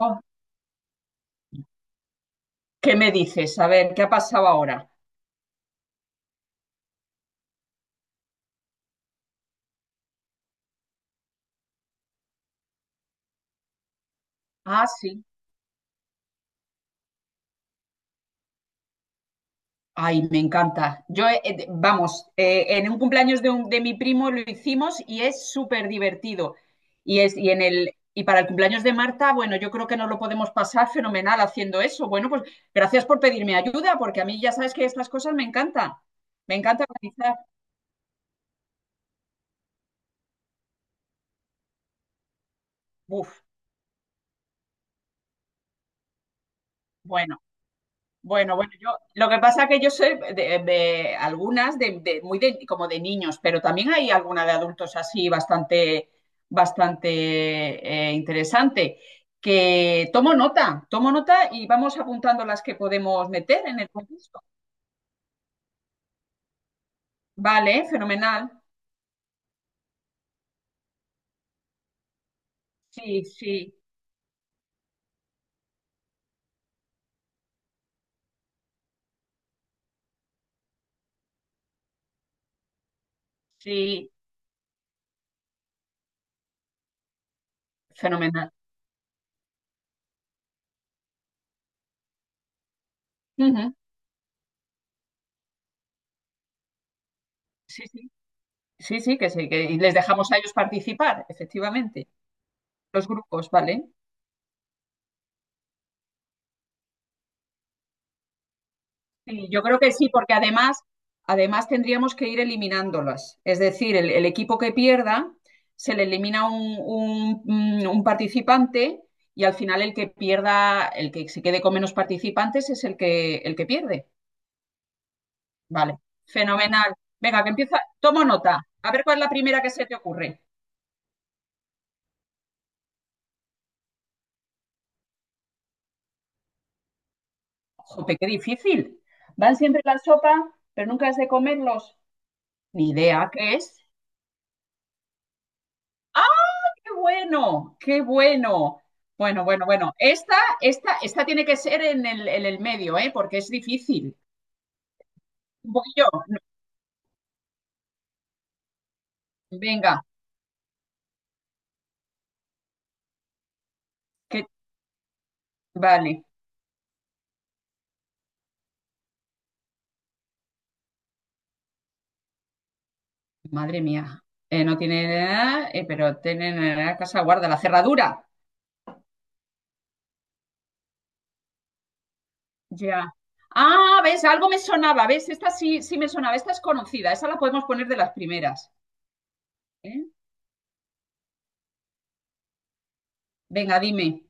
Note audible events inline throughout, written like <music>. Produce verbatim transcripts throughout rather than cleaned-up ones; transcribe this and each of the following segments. Oh, ¿qué me dices? A ver, ¿qué ha pasado ahora? Ah, sí. Ay, me encanta. Yo, eh, eh, vamos, eh, en un cumpleaños de, un- de mi primo lo hicimos y es súper divertido. Y es, y en el, y para el cumpleaños de Marta, bueno, yo creo que nos lo podemos pasar fenomenal haciendo eso. Bueno, pues gracias por pedirme ayuda, porque a mí ya sabes que estas cosas me encantan. Me encanta organizar. Uf, bueno. Bueno, bueno, yo lo que pasa es que yo sé de, de algunas de, de- muy de, como de niños, pero también hay alguna de adultos así bastante bastante eh, interesante, que tomo nota, tomo nota y vamos apuntando las que podemos meter en el concurso. Vale, fenomenal. Sí, sí, sí, fenomenal. Ujú. Sí, sí, sí, sí, que sí, que y les dejamos a ellos participar, efectivamente. Los grupos, ¿vale? Sí, yo creo que sí, porque además, además tendríamos que ir eliminándolas. Es decir, el, el equipo que pierda se le elimina un, un- mm, un participante, y al final el que pierda, el que se quede con menos participantes es el que, el que pierde. Vale, fenomenal. Venga, que empieza. Tomo nota. A ver cuál es la primera que se te ocurre. Jope, qué difícil. Van siempre la sopa, pero nunca es de comerlos. Ni idea qué es. Qué bueno, qué bueno. Bueno, bueno, bueno. Esta, esta, esta tiene que ser en el, en el medio, ¿eh? Porque es difícil. Voy yo. Venga, que vale. Madre mía. Eh, no tiene nada, eh, pero tiene la casa guarda, la cerradura. Ya. Ah, ves, algo me sonaba, ves, esta sí, sí me sonaba, esta es conocida, esa la podemos poner de las primeras. ¿Eh? Venga, dime.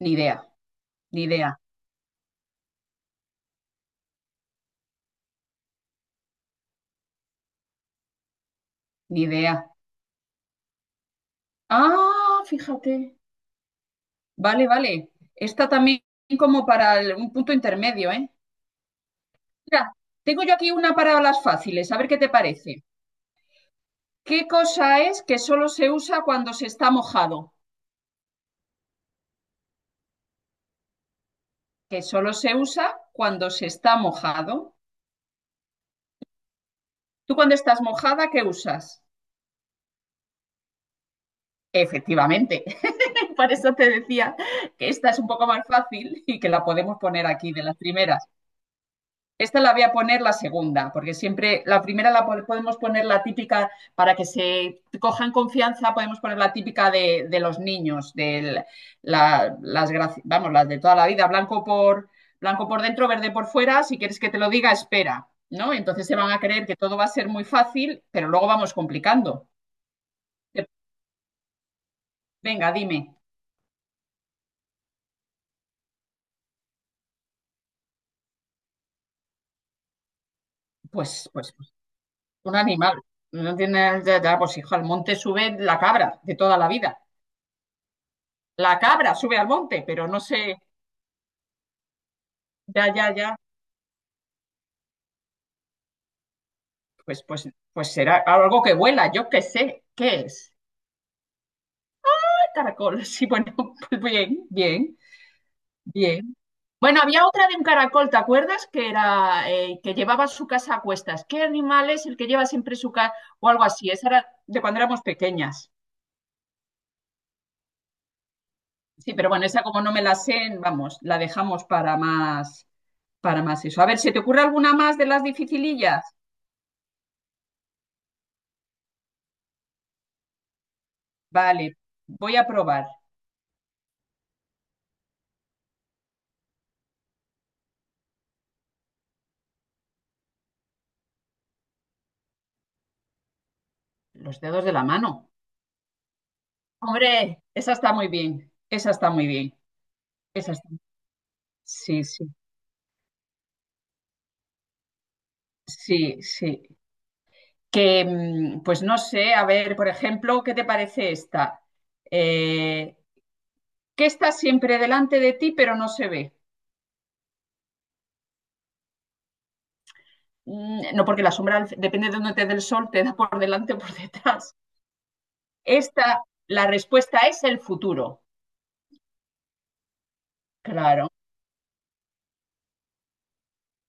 Ni idea, ni idea, ni idea. Ah, fíjate. Vale, vale. Esta también como para el- un punto intermedio, ¿eh? Mira, tengo yo aquí una para las fáciles, a ver qué te parece. ¿Qué cosa es que solo se usa cuando se está mojado? Que solo se usa cuando se está mojado. ¿Tú cuando estás mojada, qué usas? Efectivamente. <laughs> Por eso te decía que esta es un poco más fácil y que la podemos poner aquí de las primeras. Esta la voy a poner la segunda, porque siempre la primera la podemos poner la típica para que se cojan confianza, podemos poner la típica de, de los niños, de la- las, vamos, las de toda la vida, blanco por, blanco por dentro, verde por fuera, si quieres que te lo diga, espera, ¿no? Entonces se van a creer que todo va a ser muy fácil, pero luego vamos complicando. Eh, Venga, dime, pues, pues, pues, un animal, no tiene, ya, ya, pues hijo, al monte sube la cabra de toda la vida. La cabra sube al monte, pero no sé. Ya, ya, ya. Pues, pues, pues será algo que vuela, yo qué sé. ¿Qué es? Ah, caracol. Sí, bueno, <laughs> pues bien, bien, bien. Bueno, había otra de un caracol, ¿te acuerdas? Que era eh, que llevaba su casa a cuestas. ¿Qué animal es el que lleva siempre su casa? O algo así. Esa era de cuando éramos pequeñas. Sí, pero bueno, esa como no me la sé, vamos, la dejamos para más, para más eso. A ver, ¿se te ocurre alguna más de las dificilillas? Vale, voy a probar. Los dedos de la mano. Hombre, esa está muy bien, esa está muy bien, esa está. Sí, sí, sí, sí. Que, mm, pues no sé, a ver, por ejemplo, ¿qué te parece esta? Eh, que está siempre delante de ti, pero no se ve. Mm, no, porque la sombra, al- fi- depende de dónde te dé el sol, te da por delante o por detrás. Esta, la respuesta es el futuro. Claro,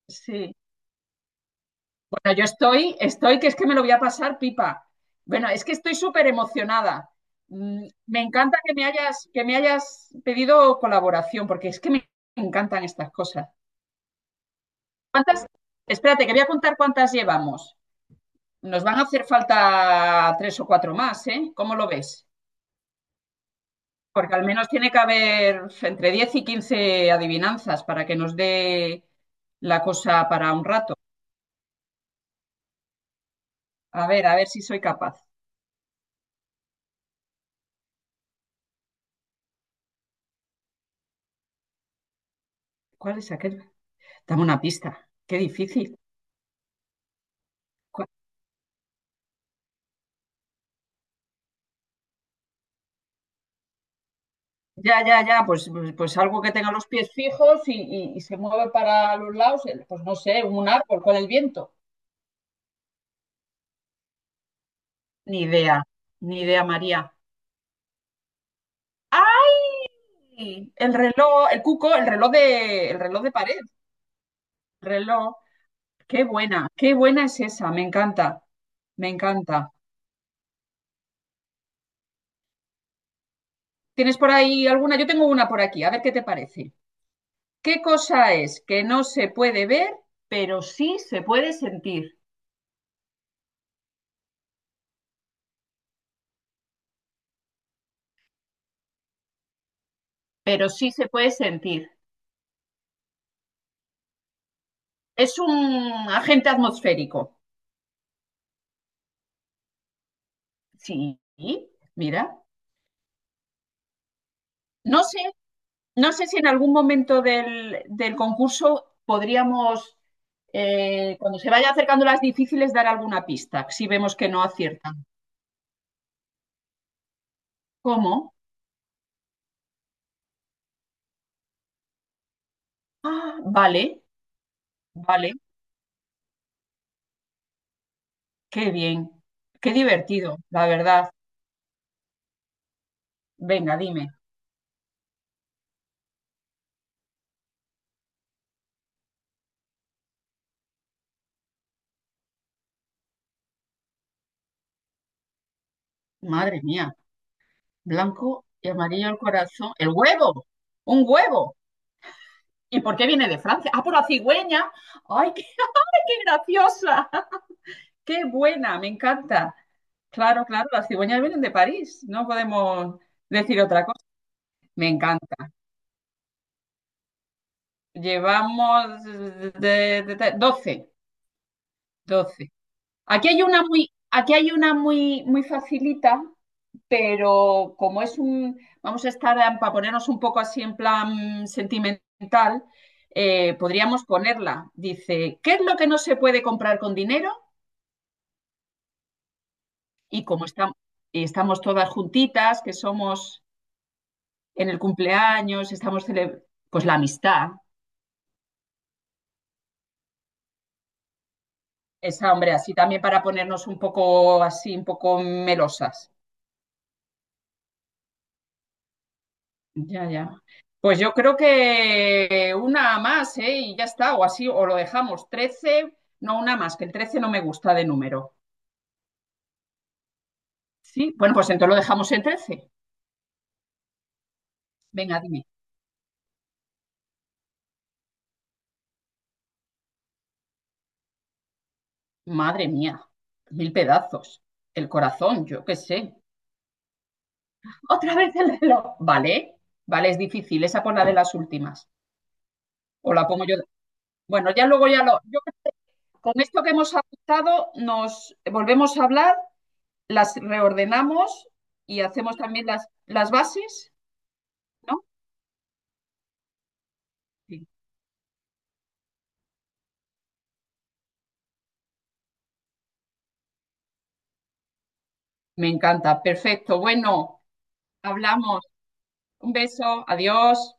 sí. Bueno, yo estoy, estoy, que es que me lo voy a pasar pipa. Bueno, es que estoy súper emocionada. Mm, me encanta que me hayas, que me hayas pedido colaboración, porque es que me encantan estas cosas. ¿Cuántas? Espérate, que voy a contar cuántas llevamos. Nos van a hacer falta tres o cuatro más, ¿eh? ¿Cómo lo ves? Porque al menos tiene que haber entre diez y quince adivinanzas para que nos dé la cosa para un rato. A ver, a ver si soy capaz. ¿Cuál es aquel? Dame una pista. Qué difícil. Ya, ya, ya, pues, pues algo que tenga los pies fijos y, y- y se mueve para los lados, el- pues no sé, un árbol con el viento. Ni idea, ni idea, María. ¡Ay! El reloj, el cuco, el reloj de, el reloj de pared, reloj. Qué buena, qué buena es esa, me encanta, me encanta. ¿Tienes por ahí alguna? Yo tengo una por aquí, a ver qué te parece. ¿Qué cosa es que no se puede ver, pero sí se puede sentir? Pero sí se puede sentir. Es un agente atmosférico. Sí, mira. No sé, no sé si en algún momento del, del concurso podríamos, eh, cuando se vaya acercando las difíciles, dar alguna pista, si vemos que no aciertan. ¿Cómo? Ah, vale, vale, qué bien, qué divertido, la verdad. Venga, dime. Madre mía, blanco y amarillo el corazón. ¡El huevo! ¡Un huevo! ¿Y por qué viene de Francia? Ah, por la cigüeña. ¡Ay, qué, <laughs> ay, qué graciosa! ¡Qué buena! Me encanta. Claro, claro, las cigüeñas vienen de París. No podemos decir otra cosa. Me encanta. Llevamos de, de- de- doce. doce. Aquí hay una muy, aquí hay una muy, muy facilita, pero como es un, vamos a estar eh, para ponernos un poco así en plan sentimental, eh, podríamos ponerla. Dice, ¿qué es lo que no se puede comprar con dinero? Y como estamos, estamos todas juntitas, que somos en el cumpleaños, estamos cele- pues la amistad. Esa, hombre, así también para ponernos un poco así, un poco melosas. Ya, ya. Pues yo creo que una más, ¿eh? Y ya está, o así, o lo dejamos trece, no, una más, que el trece no me gusta de número. Sí, bueno, pues entonces lo dejamos en trece. Venga, dime. Madre mía, mil pedazos. El corazón, yo qué sé. Otra vez el reloj. Vale, vale, es difícil. Esa por la de las últimas. O la pongo yo. Bueno, ya luego ya lo. Yo- con esto que hemos apuntado, nos volvemos a hablar, las reordenamos y hacemos también las, las bases. ¿No? Sí, me encanta. Perfecto. Bueno, hablamos. Un beso. Adiós.